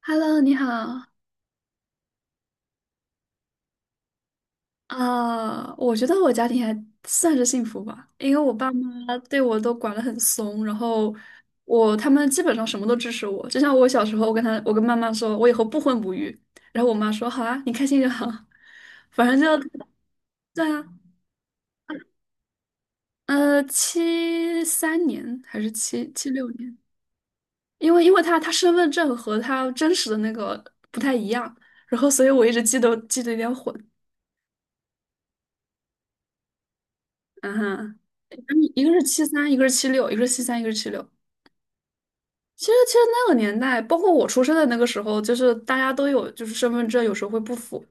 Hello，你好。啊我觉得我家庭还算是幸福吧，因为我爸妈对我都管得很松，然后他们基本上什么都支持我。就像我小时候，我跟妈妈说，我以后不婚不育，然后我妈说好啊，你开心就好。反正就对啊，73年还是七七六年，因为他身份证和他真实的那个不太一样，然后所以我一直记得有点混。嗯哼，一个是七三，一个是七六，一个是七三，一个是七六。其实，那个年代，包括我出生的那个时候，就是大家都有，就是身份证有时候会不符，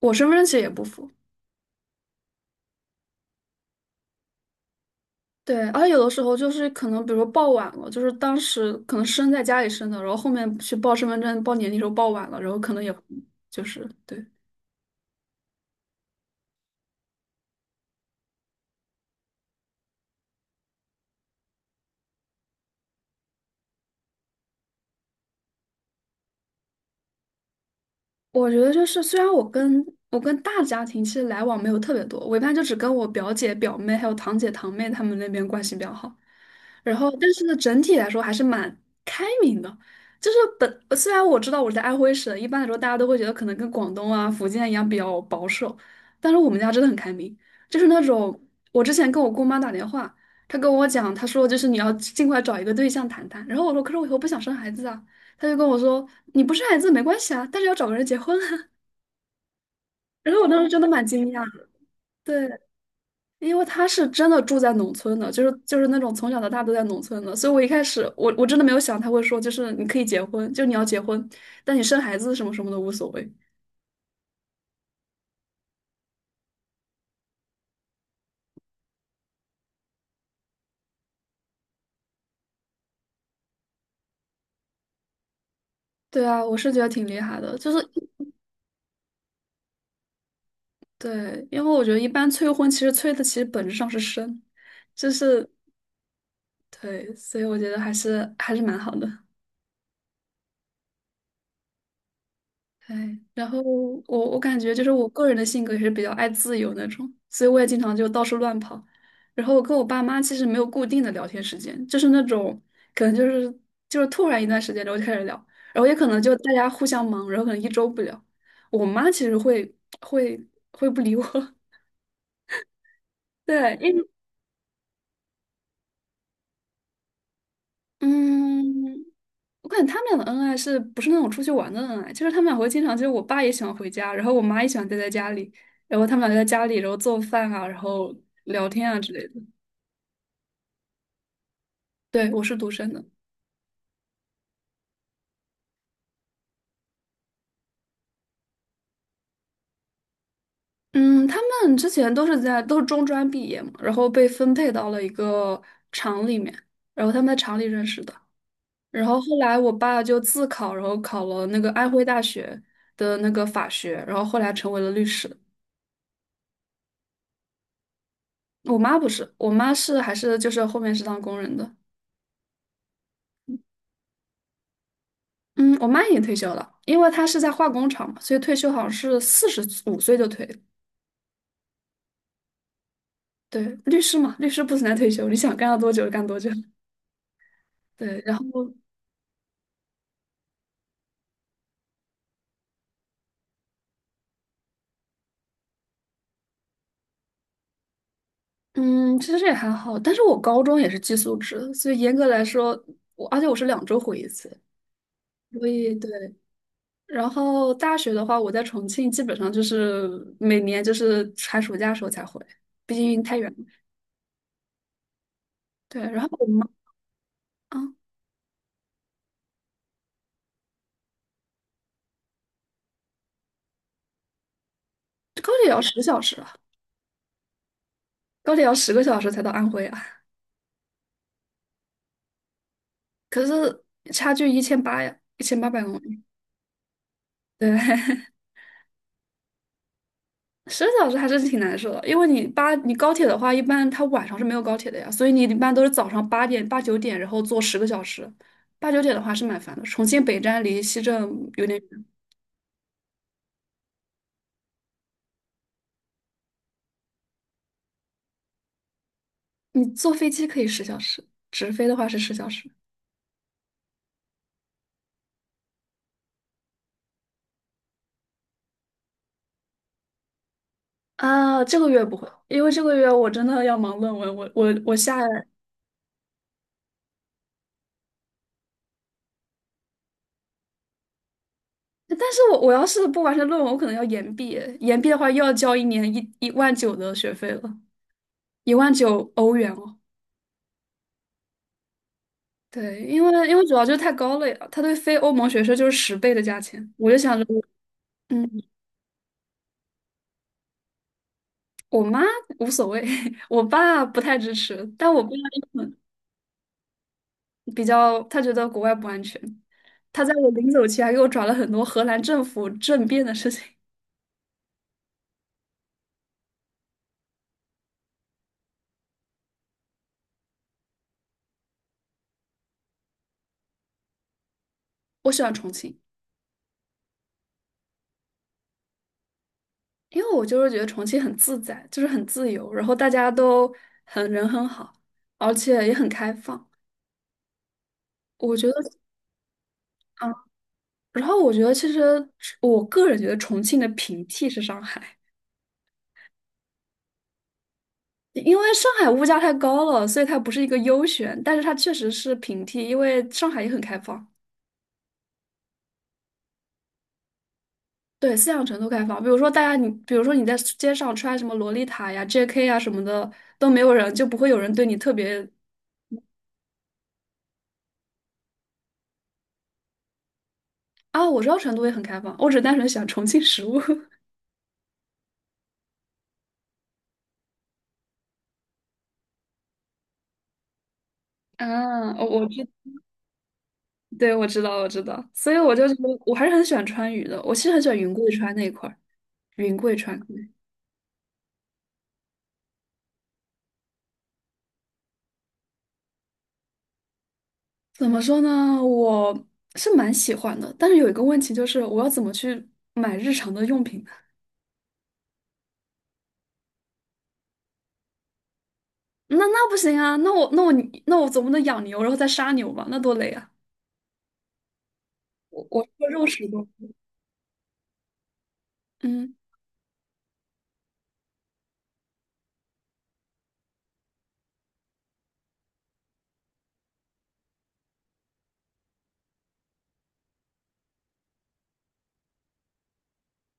我身份证其实也不符。对，而且有的时候就是可能，比如说报晚了，就是当时可能生在家里生的，然后后面去报身份证、报年龄时候报晚了，然后可能也会就是对。我觉得就是，虽然我跟大家庭其实来往没有特别多，我一般就只跟我表姐、表妹还有堂姐、堂妹她们那边关系比较好。然后，但是呢，整体来说还是蛮开明的。就是虽然我知道我在安徽省，一般来说大家都会觉得可能跟广东啊、福建一样比较保守，但是我们家真的很开明，就是那种我之前跟我姑妈打电话，她跟我讲，她说就是你要尽快找一个对象谈谈。然后我说，可是我以后不想生孩子啊。他就跟我说：“你不生孩子没关系啊，但是要找个人结婚啊。”然后我当时真的蛮惊讶的，对，因为他是真的住在农村的，就是那种从小到大都在农村的，所以我一开始我真的没有想他会说，就是你可以结婚，就你要结婚，但你生孩子什么什么的无所谓。对啊，我是觉得挺厉害的，就是对，因为我觉得一般催婚其实催的其实本质上是生，就是对，所以我觉得还是蛮好的。哎，然后我感觉就是我个人的性格也是比较爱自由那种，所以我也经常就到处乱跑。然后我跟我爸妈其实没有固定的聊天时间，就是那种可能就是突然一段时间然后就开始聊，然后也可能就大家互相忙，然后可能一周不聊。我妈其实会会不理我，对，因为嗯。我感觉他们俩的恩爱是不是那种出去玩的恩爱？就是他们俩会经常，就是我爸也喜欢回家，然后我妈也喜欢待在家里，然后他们俩就在家里，然后做饭啊，然后聊天啊之类的。对，我是独生的。嗯，他们之前都是中专毕业嘛，然后被分配到了一个厂里面，然后他们在厂里认识的。然后后来我爸就自考，然后考了那个安徽大学的那个法学，然后后来成为了律师。我妈不是，我妈是还是就是后面是当工人的。嗯，我妈已经退休了，因为她是在化工厂嘛，所以退休好像是45岁就退了。对，律师嘛，律师不存在退休，你想干到多久就干多久。对，然后嗯，其实也还好，但是我高中也是寄宿制，所以严格来说，而且我是2周回1次，所以对。然后大学的话，我在重庆基本上就是每年就是寒暑假的时候才回，毕竟太远了。对，然后我妈啊，这高铁也要十小时啊，高铁要十个小时才到安徽啊。可是差距一千八呀，1800公里，对，十个小时还是挺难受的。因为你高铁的话，一般它晚上是没有高铁的呀，所以你一般都是早上8点、八九点，然后坐10个小时。八九点的话是蛮烦的，重庆北站离西站有点远。你坐飞机可以十小时，直飞的话是十小时。啊，这个月不会，因为这个月我真的要忙论文，我我我下，但是我要是不完成论文，我可能要延毕，延毕的话又要交一年一万九的学费了。1万9欧元哦。对，因为主要就是太高了呀，它对非欧盟学生就是10倍的价钱。我就想着我，嗯，我妈无所谓，我爸不太支持，但我爸嗯比较，他觉得国外不安全。他在我临走前还给我转了很多荷兰政府政变的事情。我喜欢重庆，因为我就是觉得重庆很自在，就是很自由，然后大家都很人很好，而且也很开放。我觉得。嗯。然后我觉得，其实我个人觉得重庆的平替是上海，因为上海物价太高了，所以它不是一个优选，但是它确实是平替，因为上海也很开放，对，思想程度开放。比如说大家你，比如说你在街上穿什么洛丽塔呀、JK 呀什么的，都没有人，就不会有人对你特别啊。我知道成都也很开放，我只单纯喜欢重庆食物。嗯，我我知，对，我知道，我知道，所以我就觉得我还是很喜欢川渝的，我其实很喜欢云贵川那一块儿，云贵川。怎么说呢？我是蛮喜欢的，但是有一个问题就是，我要怎么去买日常的用品呢？那不行啊！那我总不能养牛然后再杀牛吧？那多累啊！我是个肉食动物。嗯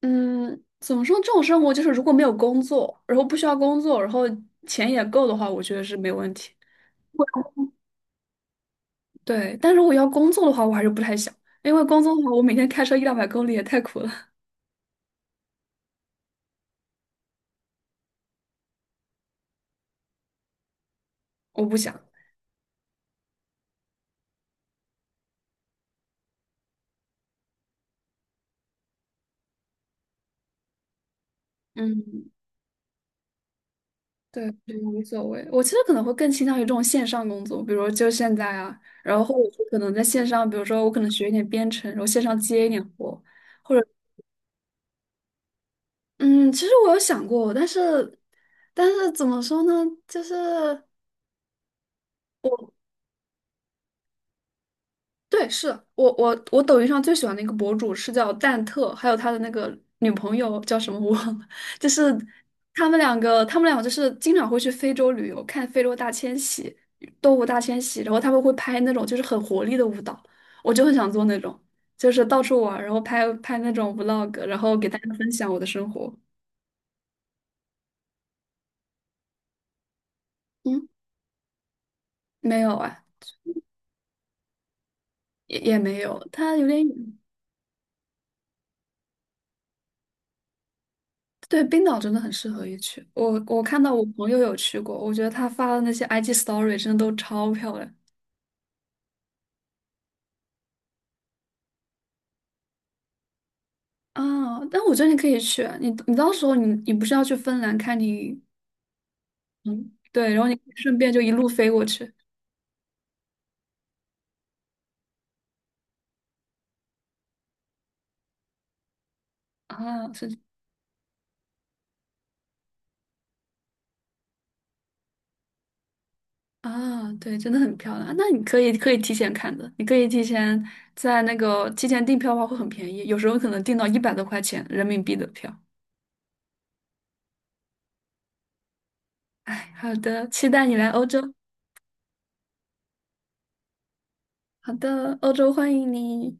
嗯，怎么说？这种生活就是如果没有工作，然后不需要工作，然后钱也够的话，我觉得是没问题。对，但如果要工作的话，我还是不太想，因为工作的话，我每天开车一两百公里也太苦了，我不想。嗯，对，就无所谓。我其实可能会更倾向于这种线上工作，比如就现在啊，然后我者说可能在线上，比如说我可能学一点编程，然后线上接一点活，或者嗯，其实我有想过，但是怎么说呢？就是。我。对，是我抖音上最喜欢的一个博主是叫蛋特，还有他的那个女朋友叫什么我忘了，就是他们两个就是经常会去非洲旅游，看非洲大迁徙、动物大迁徙，然后他们会拍那种就是很活力的舞蹈，我就很想做那种，就是到处玩儿然后拍拍那种 vlog，然后给大家分享我的生活。嗯，没有啊，也没有，他有点远。对，冰岛真的很适合一去。我看到我朋友有去过，我觉得他发的那些 IG story 真的都超漂亮啊！但我觉得你可以去啊，你到时候你不是要去芬兰看你，嗯，对，然后你顺便就一路飞过去啊，是啊，对，真的很漂亮。那你可以提前看的，你可以提前在那个提前订票的话会很便宜，有时候可能订到100多块钱人民币的票。哎，好的，期待你来欧洲。好的，欧洲欢迎你。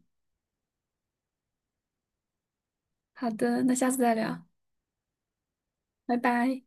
好的，那下次再聊。拜拜。